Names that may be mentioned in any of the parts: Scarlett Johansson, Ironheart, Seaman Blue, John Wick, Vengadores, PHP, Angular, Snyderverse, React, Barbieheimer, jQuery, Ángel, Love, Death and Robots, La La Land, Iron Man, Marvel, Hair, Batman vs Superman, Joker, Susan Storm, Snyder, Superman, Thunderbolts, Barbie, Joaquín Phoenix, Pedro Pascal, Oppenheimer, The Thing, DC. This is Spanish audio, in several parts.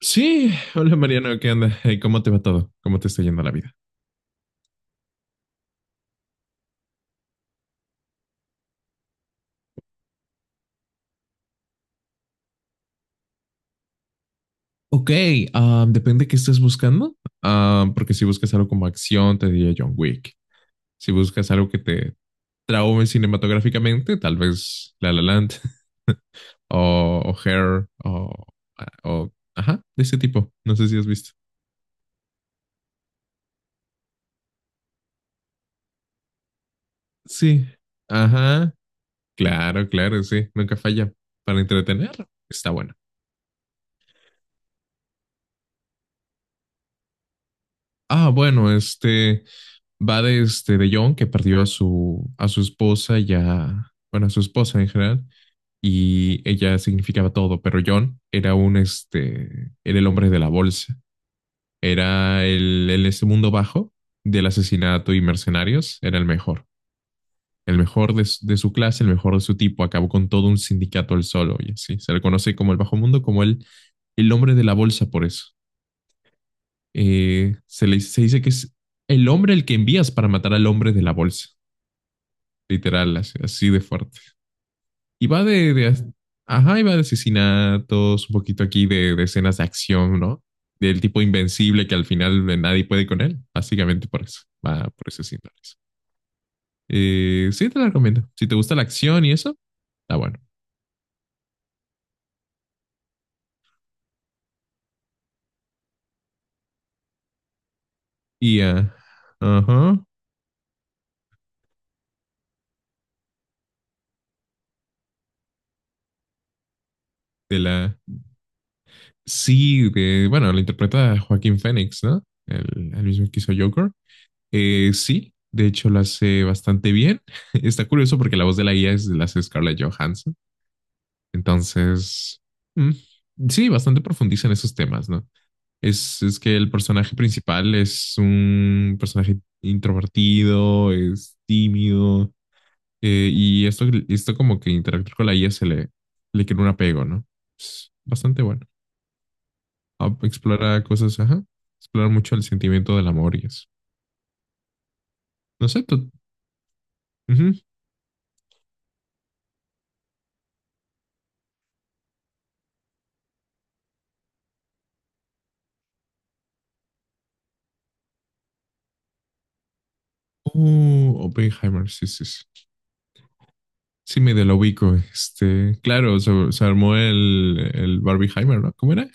Sí, hola Mariano, ¿qué onda? Hey, ¿cómo te va todo? ¿Cómo te está yendo la vida? Ok, depende de qué estés buscando. Porque si buscas algo como acción, te diría John Wick. Si buscas algo que te traume cinematográficamente, tal vez La La Land o Hair, ajá, de ese tipo. No sé si has visto. Sí, ajá, claro, claro, sí, nunca falla para entretener. Está bueno. Ah, bueno, este. Va de de John, que perdió a su esposa y a, bueno, a su esposa en general, y ella significaba todo, pero John era era el hombre de la bolsa, era el este mundo bajo del asesinato y mercenarios, era el mejor de su clase, el mejor de su tipo, acabó con todo un sindicato él solo, y así, se le conoce como el bajo mundo, como el hombre de la bolsa por eso. Se dice que es el hombre el que envías para matar al hombre de la bolsa. Literal, así, así de fuerte. Y va de as- Ajá, y va de asesinatos, un poquito aquí de escenas de acción, ¿no? Del tipo invencible que al final nadie puede con él, básicamente por eso, va por esos síntomas. Sí, te la recomiendo. Si te gusta la acción y eso, está bueno. Y, ah, ajá, de la, sí, la interpreta Joaquín Phoenix, ¿no? El mismo que hizo Joker. Sí, de hecho lo hace bastante bien. Está curioso porque la voz de la guía es, la hace Scarlett Johansson. Entonces, mm, sí, bastante profundiza en esos temas, ¿no? Es que el personaje principal es un personaje introvertido, es tímido, esto como que interactuar con la IA le crea un apego, ¿no? Es bastante bueno. Explora cosas, ajá. Explorar mucho el sentimiento del amor y eso. No sé, tú. Ujú. Oh, Oppenheimer, sí, sí, sí. Sí, me de la ubico. Este, claro, se armó el Barbieheimer, ¿no? ¿Cómo era?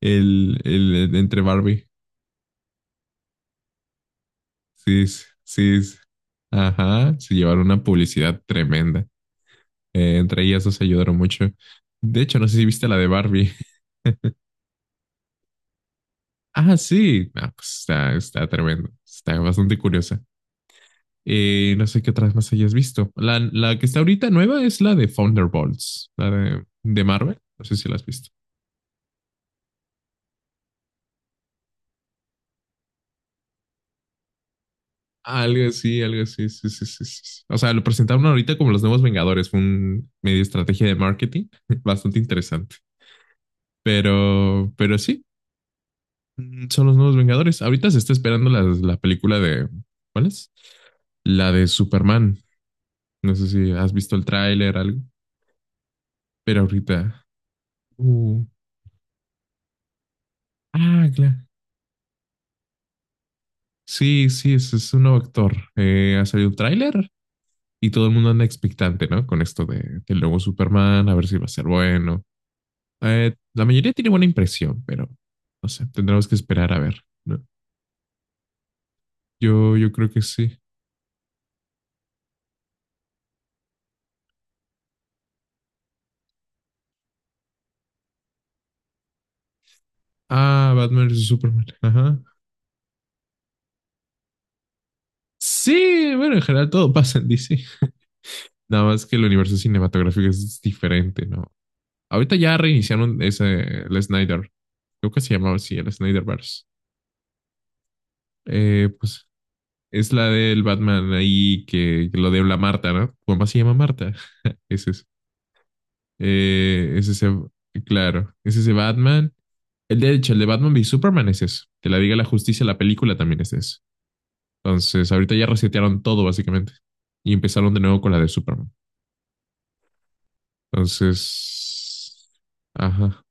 Entre Barbie. Sí, sí, sí, sí. Ajá. Se llevaron una publicidad tremenda. Entre ellas dos se ayudaron mucho. De hecho, no sé si viste la de Barbie. Ah, sí. Ah, pues está, está tremendo. Está bastante curiosa. No sé qué otras más hayas visto. La que está ahorita nueva es la de Thunderbolts, la de Marvel. No sé si la has visto. Algo así, sí, sí, sí, sí, sí. O sea, lo presentaron ahorita como los nuevos Vengadores. Fue una media estrategia de marketing bastante interesante. Pero sí, son los nuevos Vengadores. Ahorita se está esperando la película de, ¿cuál es? La de Superman. No sé si has visto el tráiler, algo, pero ahorita. Uh, claro. Sí, sí, es un nuevo actor. Ha salido un tráiler y todo el mundo anda expectante, ¿no? Con esto del nuevo Superman, a ver si va a ser bueno. La mayoría tiene buena impresión, pero no sé, tendremos que esperar a ver, ¿no? Yo creo que sí. Ah, Batman vs Superman. Ajá. Sí, bueno, en general todo pasa en DC. Nada más que el universo cinematográfico es diferente, ¿no? Ahorita ya reiniciaron ese, el Snyder. Creo que se llamaba así, el Snyderverse. Eh, pues es la del Batman ahí que lo de la Marta, ¿no? ¿Cómo más se llama Marta? Ese es. Eh, es ese, claro, es ese Batman. El de hecho, el de Batman v Superman es eso. Que la diga la justicia, la película también es eso. Entonces, ahorita ya resetearon todo, básicamente. Y empezaron de nuevo con la de Superman. Entonces, ajá.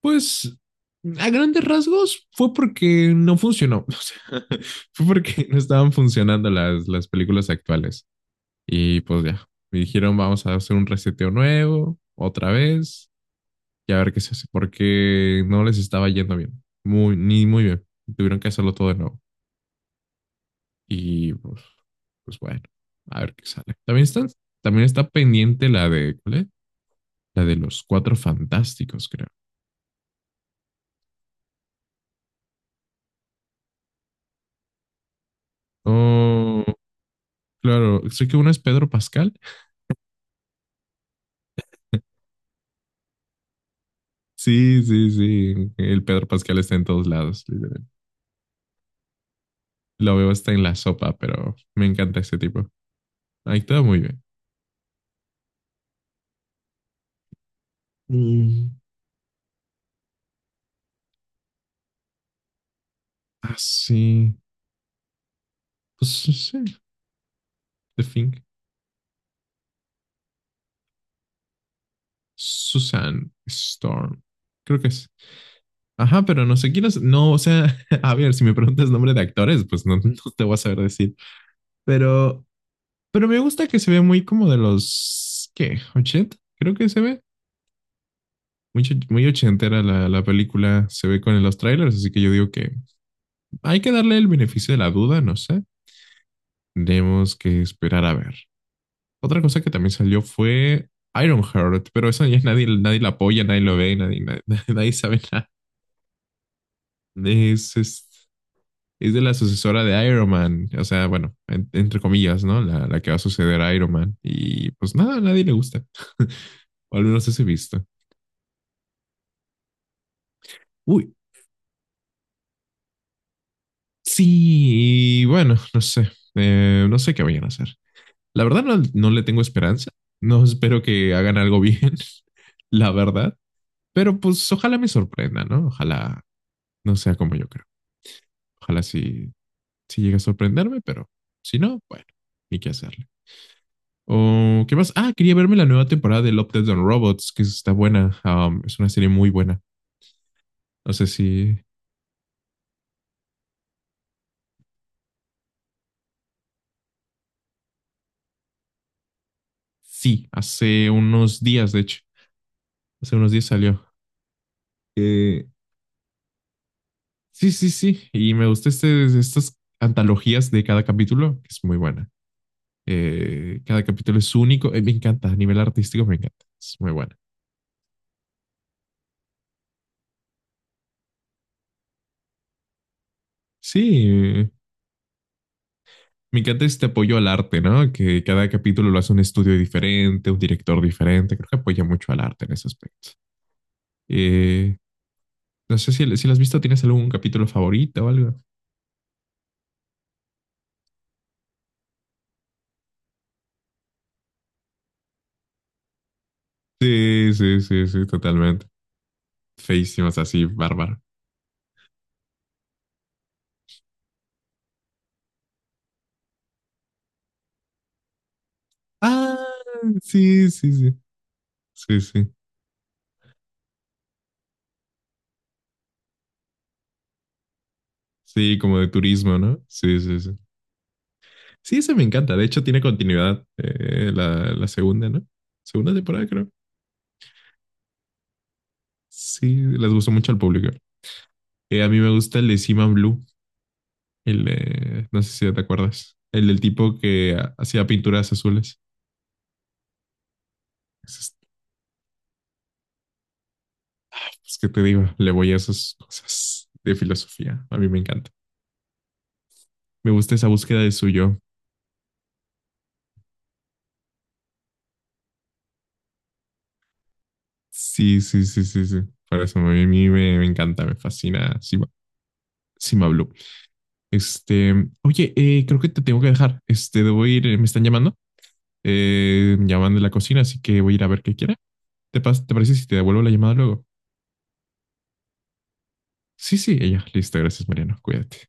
Pues a grandes rasgos fue porque no funcionó. O sea, fue porque no estaban funcionando las películas actuales. Y pues ya, me dijeron vamos a hacer un reseteo nuevo, otra vez, y a ver qué se hace, porque no les estaba yendo bien. Muy, ni muy bien. Tuvieron que hacerlo todo de nuevo. Y pues, bueno, a ver qué sale. También están, también está pendiente la de, ¿cuál es? La de los cuatro fantásticos, creo. Oh, claro, sé que uno es Pedro Pascal. Sí, sí, sí. El Pedro Pascal está en todos lados. Literal. Lo veo hasta en la sopa, pero me encanta este tipo. Ahí está muy bien. Mm, ah, sí. Pues sí, sí, The Thing. Susan Storm. Creo que es. Ajá, pero no sé quién es. No, o sea, a ver, si me preguntas nombre de actores, pues no, no te voy a saber decir. Pero, pero me gusta que se ve muy como de los, ¿qué? Ochenta. Creo que se ve. Muy ochentera la película se ve con los trailers, así que yo digo que hay que darle el beneficio de la duda, no sé. Tenemos que esperar a ver. Otra cosa que también salió fue Ironheart, pero eso ya nadie, nadie la apoya, nadie lo ve, nadie, nadie, nadie sabe nada. Es, es, es de la sucesora de Iron Man, o sea, bueno, entre comillas, ¿no? La que va a suceder a Iron Man. Y pues nada, a nadie le gusta, o al menos ese visto. Uy, sí, y bueno, no sé, no sé qué vayan a hacer. La verdad no, no le tengo esperanza. No, espero que hagan algo bien, la verdad. Pero pues ojalá me sorprenda, ¿no? Ojalá no sea como yo creo. Ojalá sí, sí llegue a sorprenderme, pero si no, bueno, ni qué hacerle. O, ¿qué más? Ah, quería verme la nueva temporada de Love, Death and Robots, que está buena. Es una serie muy buena. No sé si... Sí, hace unos días, de hecho. Hace unos días salió. Eh, sí, sí, sí. Y me gusta estas antologías de cada capítulo, que es muy buena. Cada capítulo es único. Me encanta, a nivel artístico me encanta. Es muy bueno. Sí, me encanta este apoyo al arte, ¿no? Que cada capítulo lo hace un estudio diferente, un director diferente. Creo que apoya mucho al arte en ese aspecto. Eh, no sé si, si lo has visto, ¿tienes algún capítulo favorito o algo? Sí, sí, sí, sí, totalmente. Feísimas así, bárbaro. Ah, sí, sí, sí. Sí, sí. Sí, como de turismo, ¿no? Sí, sí, sí. Sí, esa me encanta. De hecho, tiene continuidad, la segunda, ¿no? Segunda temporada, creo. Sí, les gustó mucho al público. A mí me gusta el de Seaman Blue, el no sé si te acuerdas, el del tipo que hacía pinturas azules. Es, es que te digo, le voy a esas cosas de filosofía. A mí me encanta. Me gusta esa búsqueda de su yo. Sí, sí, sí, sí, sí. Por eso a mí me encanta, me fascina Sima Blue. Este, Oye, creo que te tengo que dejar. Este, debo ir, me están llamando. Me llaman de la cocina, así que voy a ir a ver qué quiere. Te parece si te devuelvo la llamada luego? Sí, sí, ella. Listo, gracias, Mariano. Cuídate.